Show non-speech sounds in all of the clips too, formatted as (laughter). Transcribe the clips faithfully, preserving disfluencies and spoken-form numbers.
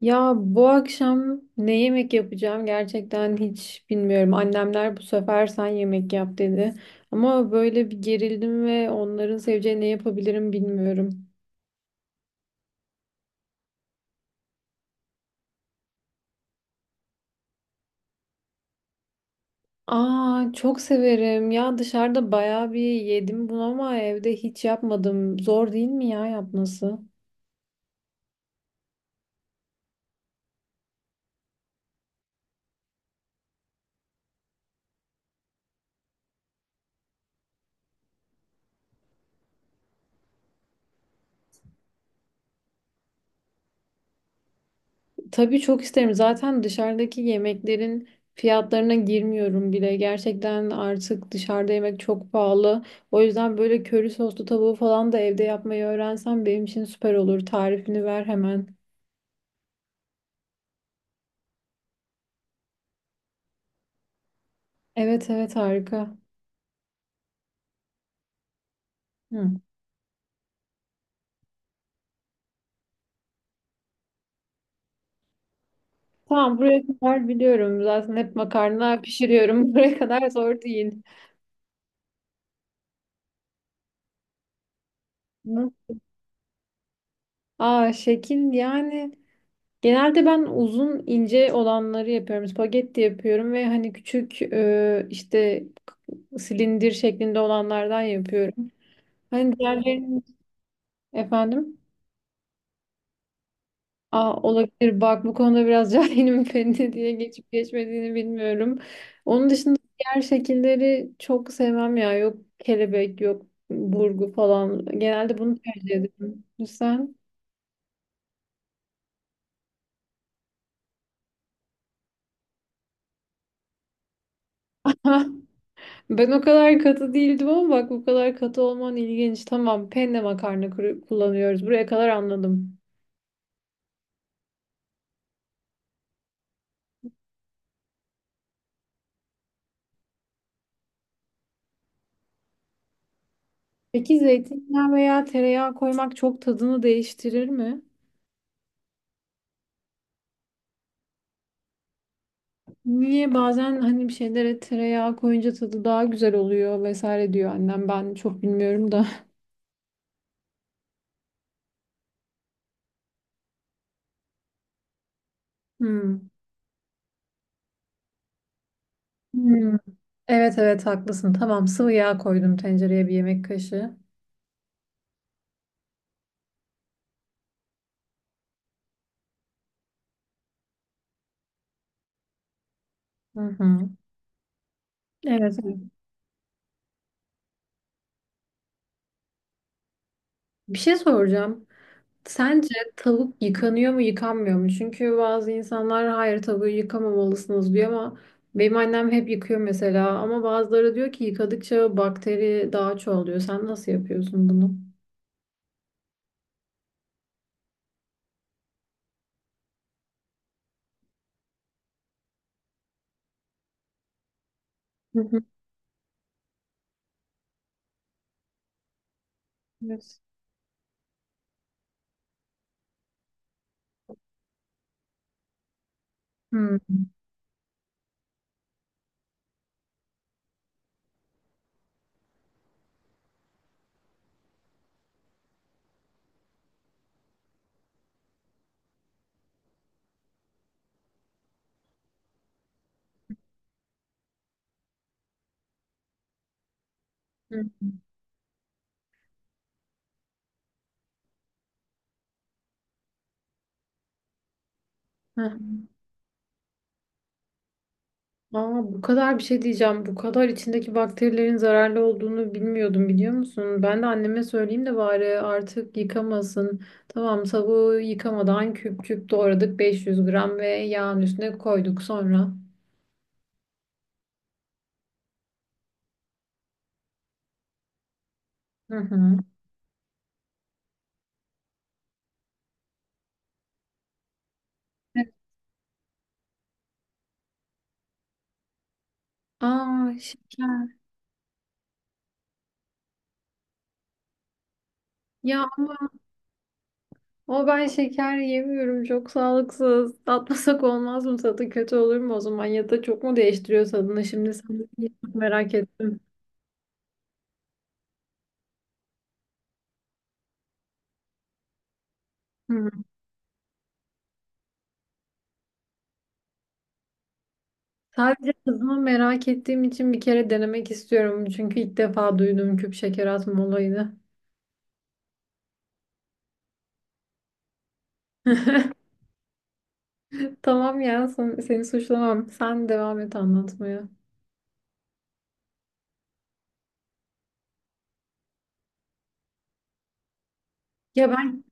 Ya bu akşam ne yemek yapacağım gerçekten hiç bilmiyorum. Annemler bu sefer sen yemek yap dedi. Ama böyle bir gerildim ve onların seveceği ne yapabilirim bilmiyorum. Aa, çok severim. Ya dışarıda bayağı bir yedim bunu ama evde hiç yapmadım. Zor değil mi ya yapması? Tabii çok isterim. Zaten dışarıdaki yemeklerin fiyatlarına girmiyorum bile. Gerçekten artık dışarıda yemek çok pahalı. O yüzden böyle köri soslu tavuğu falan da evde yapmayı öğrensem benim için süper olur. Tarifini ver hemen. Evet, evet, harika. Hı. Tamam, buraya kadar biliyorum. Zaten hep makarna pişiriyorum. (laughs) Buraya kadar zor değil. Hı. Aa, şekil yani genelde ben uzun ince olanları yapıyorum. Spagetti yapıyorum ve hani küçük e, işte silindir şeklinde olanlardan yapıyorum. Hani diğerlerinin efendim. Aa, olabilir, bak bu konuda biraz cahilim, feni (laughs) diye geçip geçmediğini bilmiyorum. Onun dışında diğer şekilleri çok sevmem ya, yok kelebek yok burgu, falan genelde bunu tercih ederim. Sen? (laughs) Ben o kadar katı değildim ama bak, bu kadar katı olman ilginç. Tamam, penne makarna kuru- kullanıyoruz, buraya kadar anladım. Peki zeytinyağı veya tereyağı koymak çok tadını değiştirir mi? Niye bazen hani bir şeylere tereyağı koyunca tadı daha güzel oluyor vesaire diyor annem. Ben çok bilmiyorum da. Hmm. Hmm. Evet, evet haklısın. Tamam, sıvı yağ koydum tencereye, bir yemek kaşığı. Hı hı. Evet, evet. Bir şey soracağım. Sence tavuk yıkanıyor mu yıkanmıyor mu? Çünkü bazı insanlar hayır tavuğu yıkamamalısınız diyor, ama benim annem hep yıkıyor mesela. Ama bazıları diyor ki yıkadıkça bakteri daha çoğalıyor. Sen nasıl yapıyorsun bunu? Hı hı. Evet. Hmm. Aa, bu kadar bir şey diyeceğim. Bu kadar içindeki bakterilerin zararlı olduğunu bilmiyordum, biliyor musun? Ben de anneme söyleyeyim de bari artık yıkamasın. Tamam, tavuğu yıkamadan küp küp doğradık beş yüz gram, ve yağın üstüne koyduk sonra. Hı hı. Evet. Aa, şeker. Ya ama o, ben şeker yemiyorum, çok sağlıksız. Tatmasak olmaz mı, tadı kötü olur mu o zaman, ya da çok mu değiştiriyor tadını şimdi sen de- merak ettim. Hı. Sadece tadını merak ettiğim için bir kere denemek istiyorum. Çünkü ilk defa duyduğum küp şeker atma olayını. (laughs) Tamam ya, sen- seni suçlamam. Sen devam et anlatmaya. Ya ben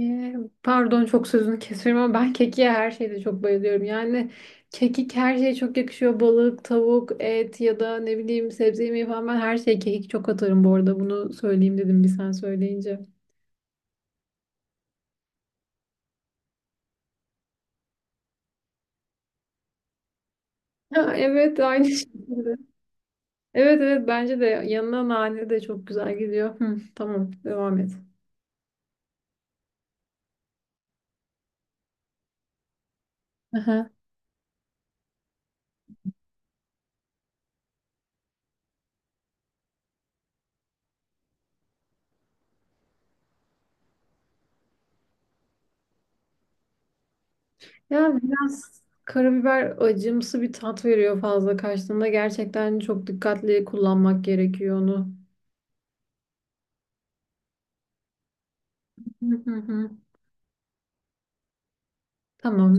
e, pardon, çok sözünü kesiyorum ama ben kekiğe her şeyde çok bayılıyorum. Yani kekik her şeye çok yakışıyor. Balık, tavuk, et ya da ne bileyim sebze yemeği falan, ben her şeye kekik çok atarım bu arada. Bunu söyleyeyim dedim bir, sen söyleyince. Ha, evet, aynı (laughs) şey. Evet, evet, bence de yanına nane de çok güzel gidiyor. Hı, tamam, devam et. Aha. Ya biraz karabiber acımsı bir tat veriyor fazla kaçtığında. Gerçekten çok dikkatli kullanmak gerekiyor onu. Hı hı hı. Tamam.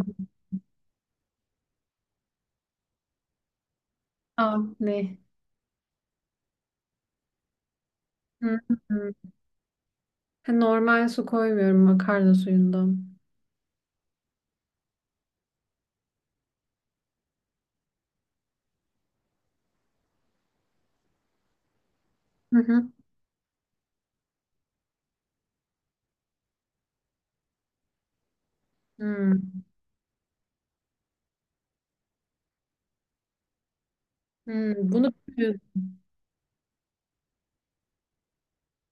Aa, ne? Hı hı. Ha, normal su koymuyorum, makarna suyundan. Hı hı. Hı. Hı, bunu biliyorum.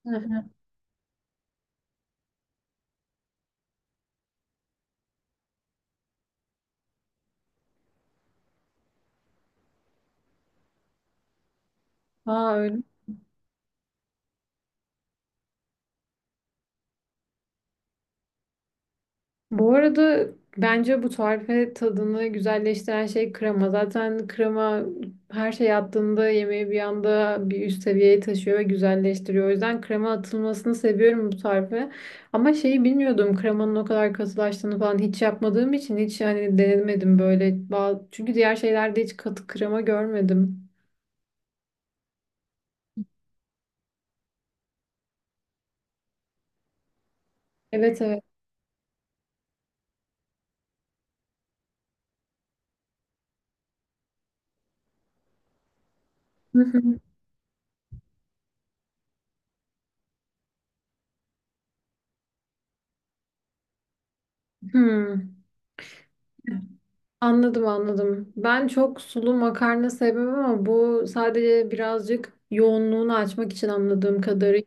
Hı hı. Aa, öyle. Bu arada bence bu tarife tadını güzelleştiren şey krema. Zaten krema her şey attığında yemeği bir anda bir üst seviyeye taşıyor ve güzelleştiriyor. O yüzden krema atılmasını seviyorum bu tarife. Ama şeyi bilmiyordum, kremanın o kadar katılaştığını, falan hiç yapmadığım için hiç hani denemedim böyle. Ba- Çünkü diğer şeylerde hiç katı krema görmedim. Evet, evet. (laughs) Anladım, anladım. Ben çok sulu makarna sevmem ama bu sadece birazcık yoğunluğunu açmak için, anladığım kadarıyla.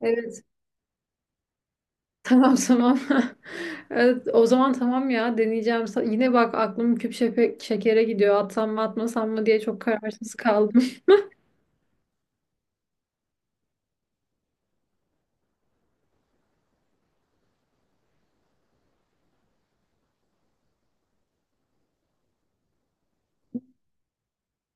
Evet. (laughs) Tamam, tamam. (laughs) Evet, o zaman tamam ya, deneyeceğim. Sa- Yine bak aklım küp şepe- şekere gidiyor. Atsam mı atmasam mı diye çok kararsız kaldım.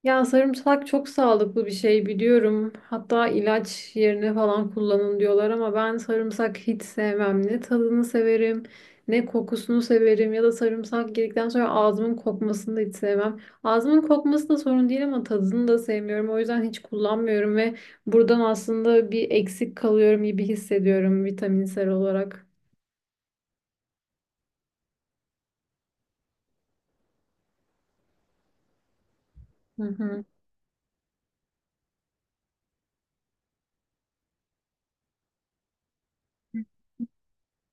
Ya sarımsak çok sağlıklı bir şey biliyorum. Hatta ilaç yerine falan kullanın diyorlar, ama ben sarımsak hiç sevmem. Ne tadını severim, ne kokusunu severim, ya da sarımsak girdikten sonra ağzımın kokmasını da hiç sevmem. Ağzımın kokması da sorun değil, ama tadını da sevmiyorum. O yüzden hiç kullanmıyorum ve buradan aslında bir eksik kalıyorum gibi hissediyorum vitaminsel olarak. Hı hı.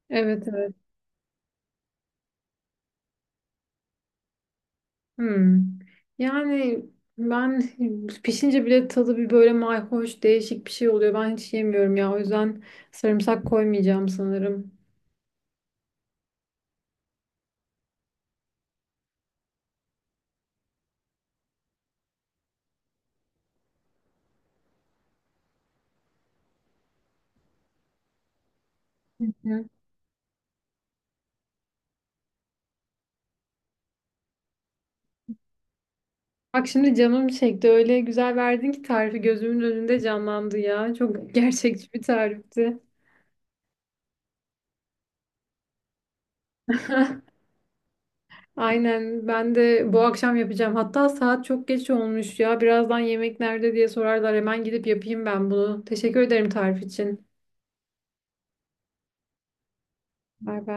Evet, evet. Hmm. Yani ben pişince bile tadı bir böyle mayhoş, değişik bir şey oluyor. Ben hiç yemiyorum ya. O yüzden sarımsak koymayacağım sanırım. Hı hı. Bak şimdi canım çekti. Öyle güzel verdin ki tarifi gözümün önünde canlandı ya. Çok (laughs) gerçekçi bir tarifti. (laughs) Aynen, ben de bu akşam yapacağım. Hatta saat çok geç olmuş ya. Birazdan yemek nerede diye sorarlar. Hemen gidip yapayım ben bunu. Teşekkür ederim tarif için. Bay bay.